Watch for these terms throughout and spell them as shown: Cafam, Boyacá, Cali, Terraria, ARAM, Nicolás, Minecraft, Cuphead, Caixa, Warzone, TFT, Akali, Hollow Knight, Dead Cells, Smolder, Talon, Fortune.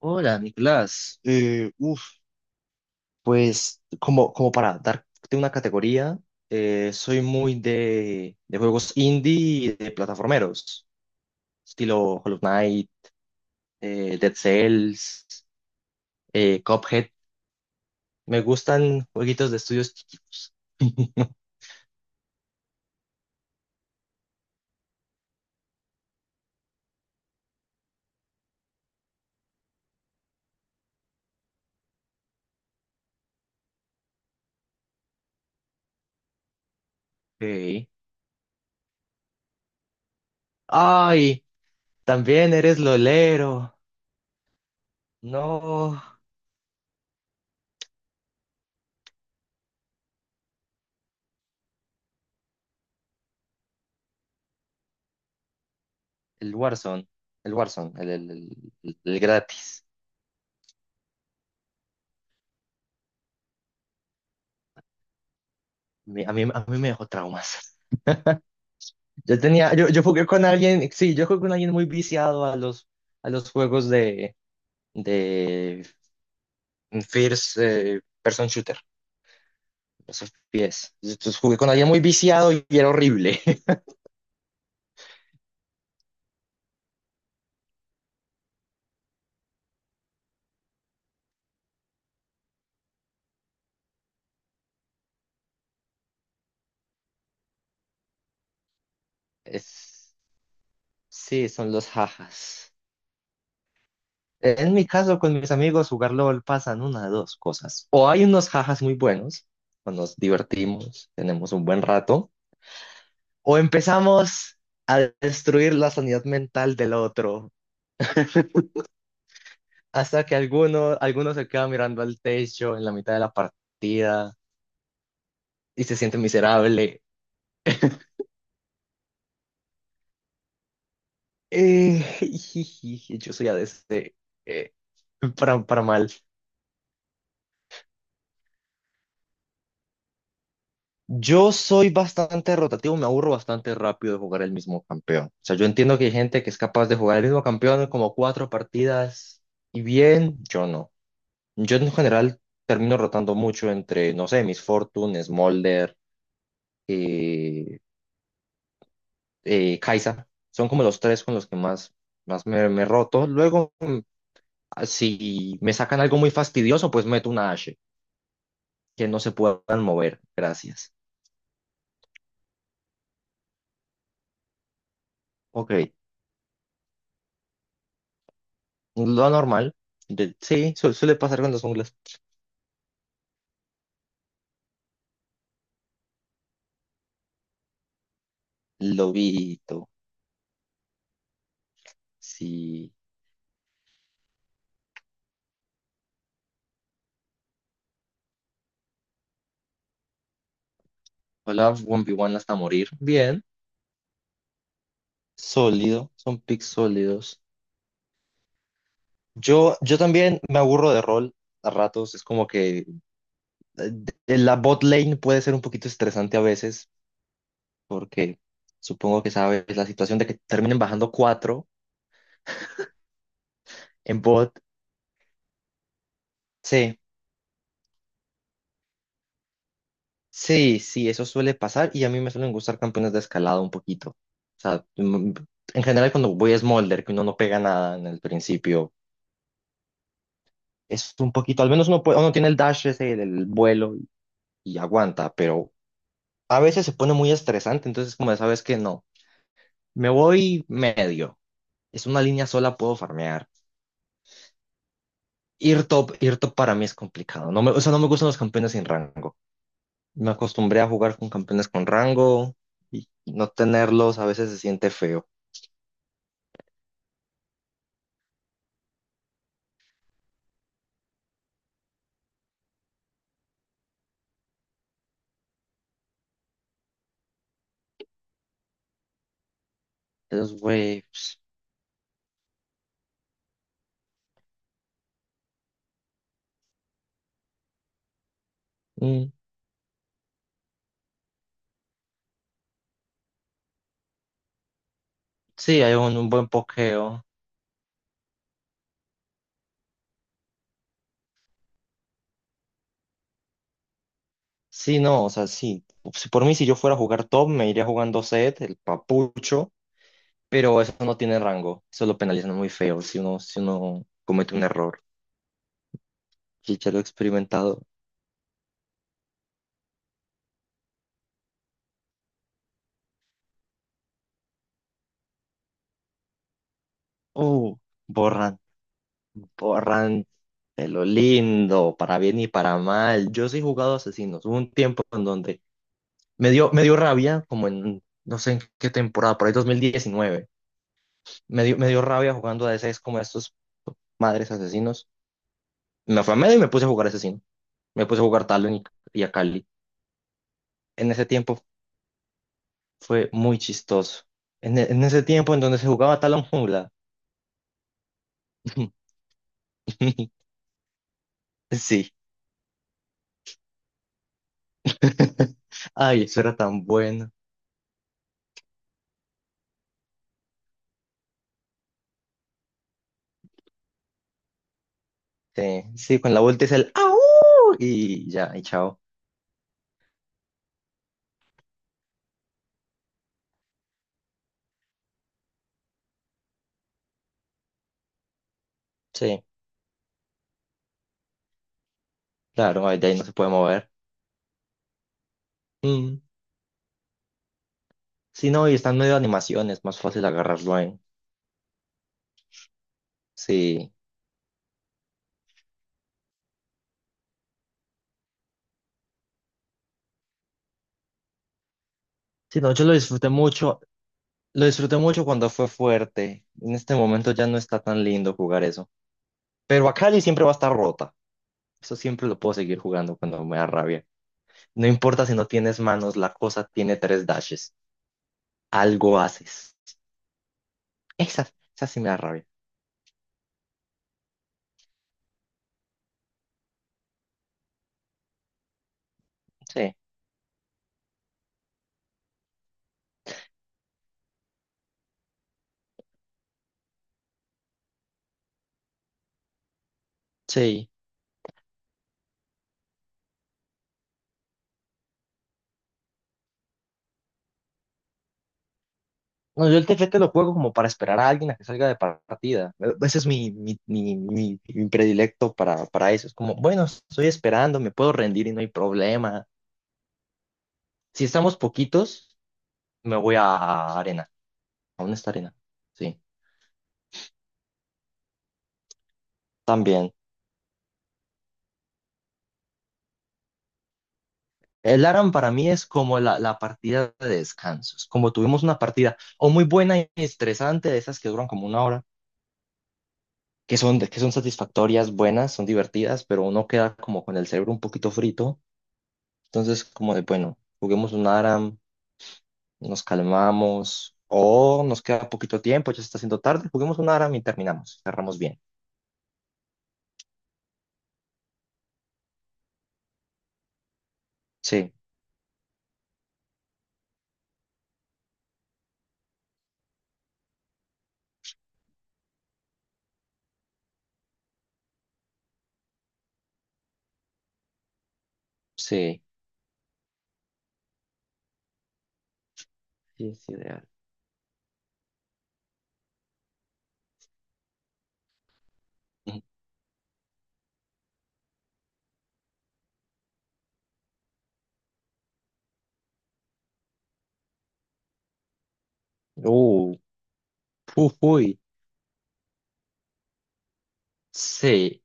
Hola, Nicolás. Uf, pues como para darte una categoría, soy muy de juegos indie y de plataformeros, estilo Hollow Knight, Dead Cells, Cuphead. Me gustan jueguitos de estudios chiquitos. Ok. Ay, también eres lolero. No, el Warzone, el gratis. A mí me dejó traumas. Yo jugué con alguien, sí, yo jugué con alguien muy viciado a los juegos de First Person Shooter, los FPS. Entonces jugué con alguien muy viciado y era horrible. Es- sí, son los jajas. En mi caso, con mis amigos, jugar LOL pasan una de dos cosas. O hay unos jajas muy buenos, o nos divertimos, tenemos un buen rato, o empezamos a destruir la sanidad mental del otro. Hasta que alguno se queda mirando al techo en la mitad de la partida y se siente miserable. Eh, yo soy ADC, eh, para mal. Yo soy bastante rotativo, me aburro bastante rápido de jugar el mismo campeón. O sea, yo entiendo que hay gente que es capaz de jugar el mismo campeón como cuatro partidas y bien, yo no. Yo en general termino rotando mucho entre, no sé, mis Fortune, Smolder, Caixa. Son como los tres con los que más me he roto. Luego, ah, si me sacan algo muy fastidioso, pues meto una H, que no se puedan mover. Gracias. Ok, lo normal. Sí, suele pasar con los junglas. Lobito, sí. Hola, 1v1 hasta morir. Bien, sólido, son picks sólidos. Yo también me aburro de rol a ratos, es como que eh, la bot lane puede ser un poquito estresante a veces porque supongo que sabes la situación de que terminen bajando cuatro en bot. Sí, sí, sí, eso suele pasar y a mí me suelen gustar campeones de escalada un poquito. O sea, en general cuando voy a Smolder, que uno no pega nada en el principio, es un poquito, al menos uno, uno tiene el dash ese del vuelo y aguanta, pero a veces se pone muy estresante, entonces como de, sabes que no, me voy medio, es una línea sola, puedo farmear. Ir top para mí es complicado. O sea, no me gustan los campeones sin rango. Me acostumbré a jugar con campeones con rango y no tenerlos a veces se siente feo. Esos waves. Mm, sí, hay un buen pokeo. Sí, no, o sea, sí. Si por mí, si yo fuera a jugar top, me iría jugando set, el papucho, pero eso no tiene rango. Eso lo penalizan muy feo si uno comete un error. Y ya lo he experimentado. Uh, Borran, borran de lo lindo, para bien y para mal. Yo sí he jugado asesinos. Hubo un tiempo en donde me dio rabia, como en, no sé en qué temporada, por ahí 2019. Me dio rabia jugando a DCs como estos madres asesinos. Me fue a medio y me puse a jugar asesino. Me puse a jugar Talon y a Cali. En ese tiempo fue muy chistoso. En ese tiempo en donde se jugaba Talon Jungla. Sí. Ay, eso era tan bueno. Sí, sí, con la vuelta es el ¡Au! Y ya, y chao. Sí, claro, ahí de ahí no se puede mover. Mm. Sí, no, y está en medio de animación, es más fácil agarrarlo en. Sí. Sí, no, yo lo disfruté mucho. Lo disfruté mucho cuando fue fuerte. En este momento ya no está tan lindo jugar eso. Pero Akali siempre va a estar rota. Eso siempre lo puedo seguir jugando cuando me da rabia. No importa si no tienes manos, la cosa tiene tres dashes. Algo haces. Esa, esa sí me da rabia. Sí. Sí. No, yo el TFT lo juego como para esperar a alguien a que salga de partida. Ese es mi predilecto para eso. Es como, bueno, estoy esperando, me puedo rendir y no hay problema. Si estamos poquitos, me voy a arena. Aún está arena. Sí, también. El ARAM para mí es como la partida de descansos. Como tuvimos una partida o muy buena y estresante, de esas que duran como una hora, que son satisfactorias, buenas, son divertidas, pero uno queda como con el cerebro un poquito frito. Entonces, como de, bueno, juguemos un ARAM, nos calmamos, o nos queda poquito tiempo, ya se está haciendo tarde, juguemos un ARAM y terminamos, cerramos bien. Sí, sí. Sí, es ideal. Ujú. Uh, Uy, sí.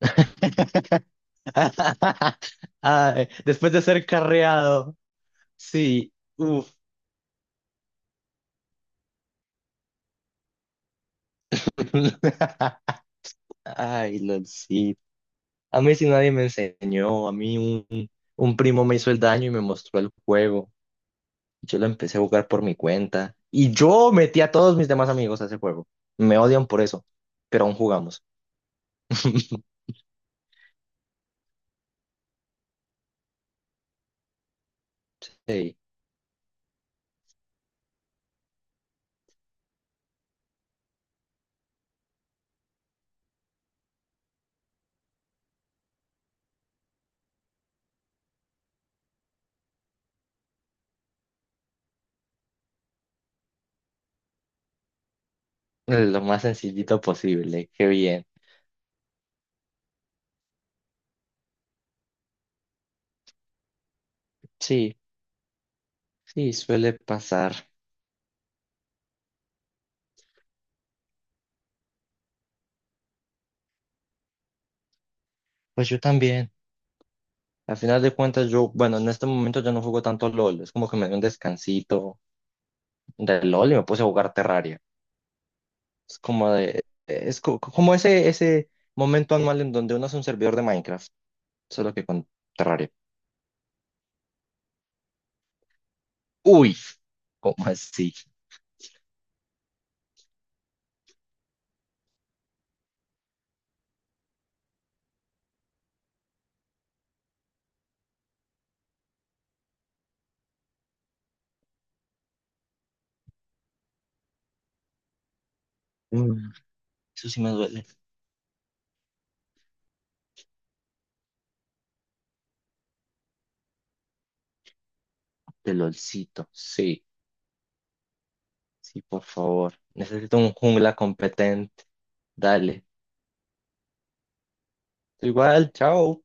Ay, después de ser carreado, sí, uf. Ay, Lolcito. A mí si nadie me enseñó, a mí un, un primo me hizo el daño y me mostró el juego. Yo lo empecé a jugar por mi cuenta y yo metí a todos mis demás amigos a ese juego. Me odian por eso, pero aún jugamos. Sí, lo más sencillito posible. Qué bien. Sí, sí, suele pasar. Pues yo también. Al final de cuentas, yo, bueno, en este momento yo no juego tanto LOL. Es como que me dio un descansito de LOL y me puse a jugar Terraria. Es como de, como ese momento anual en donde uno es un servidor de Minecraft, solo que con Terraria. Uy, ¿cómo así? Eso sí me duele. De LOLcito. Sí, sí, por favor. Necesito un jungla competente. Dale. Igual, chao.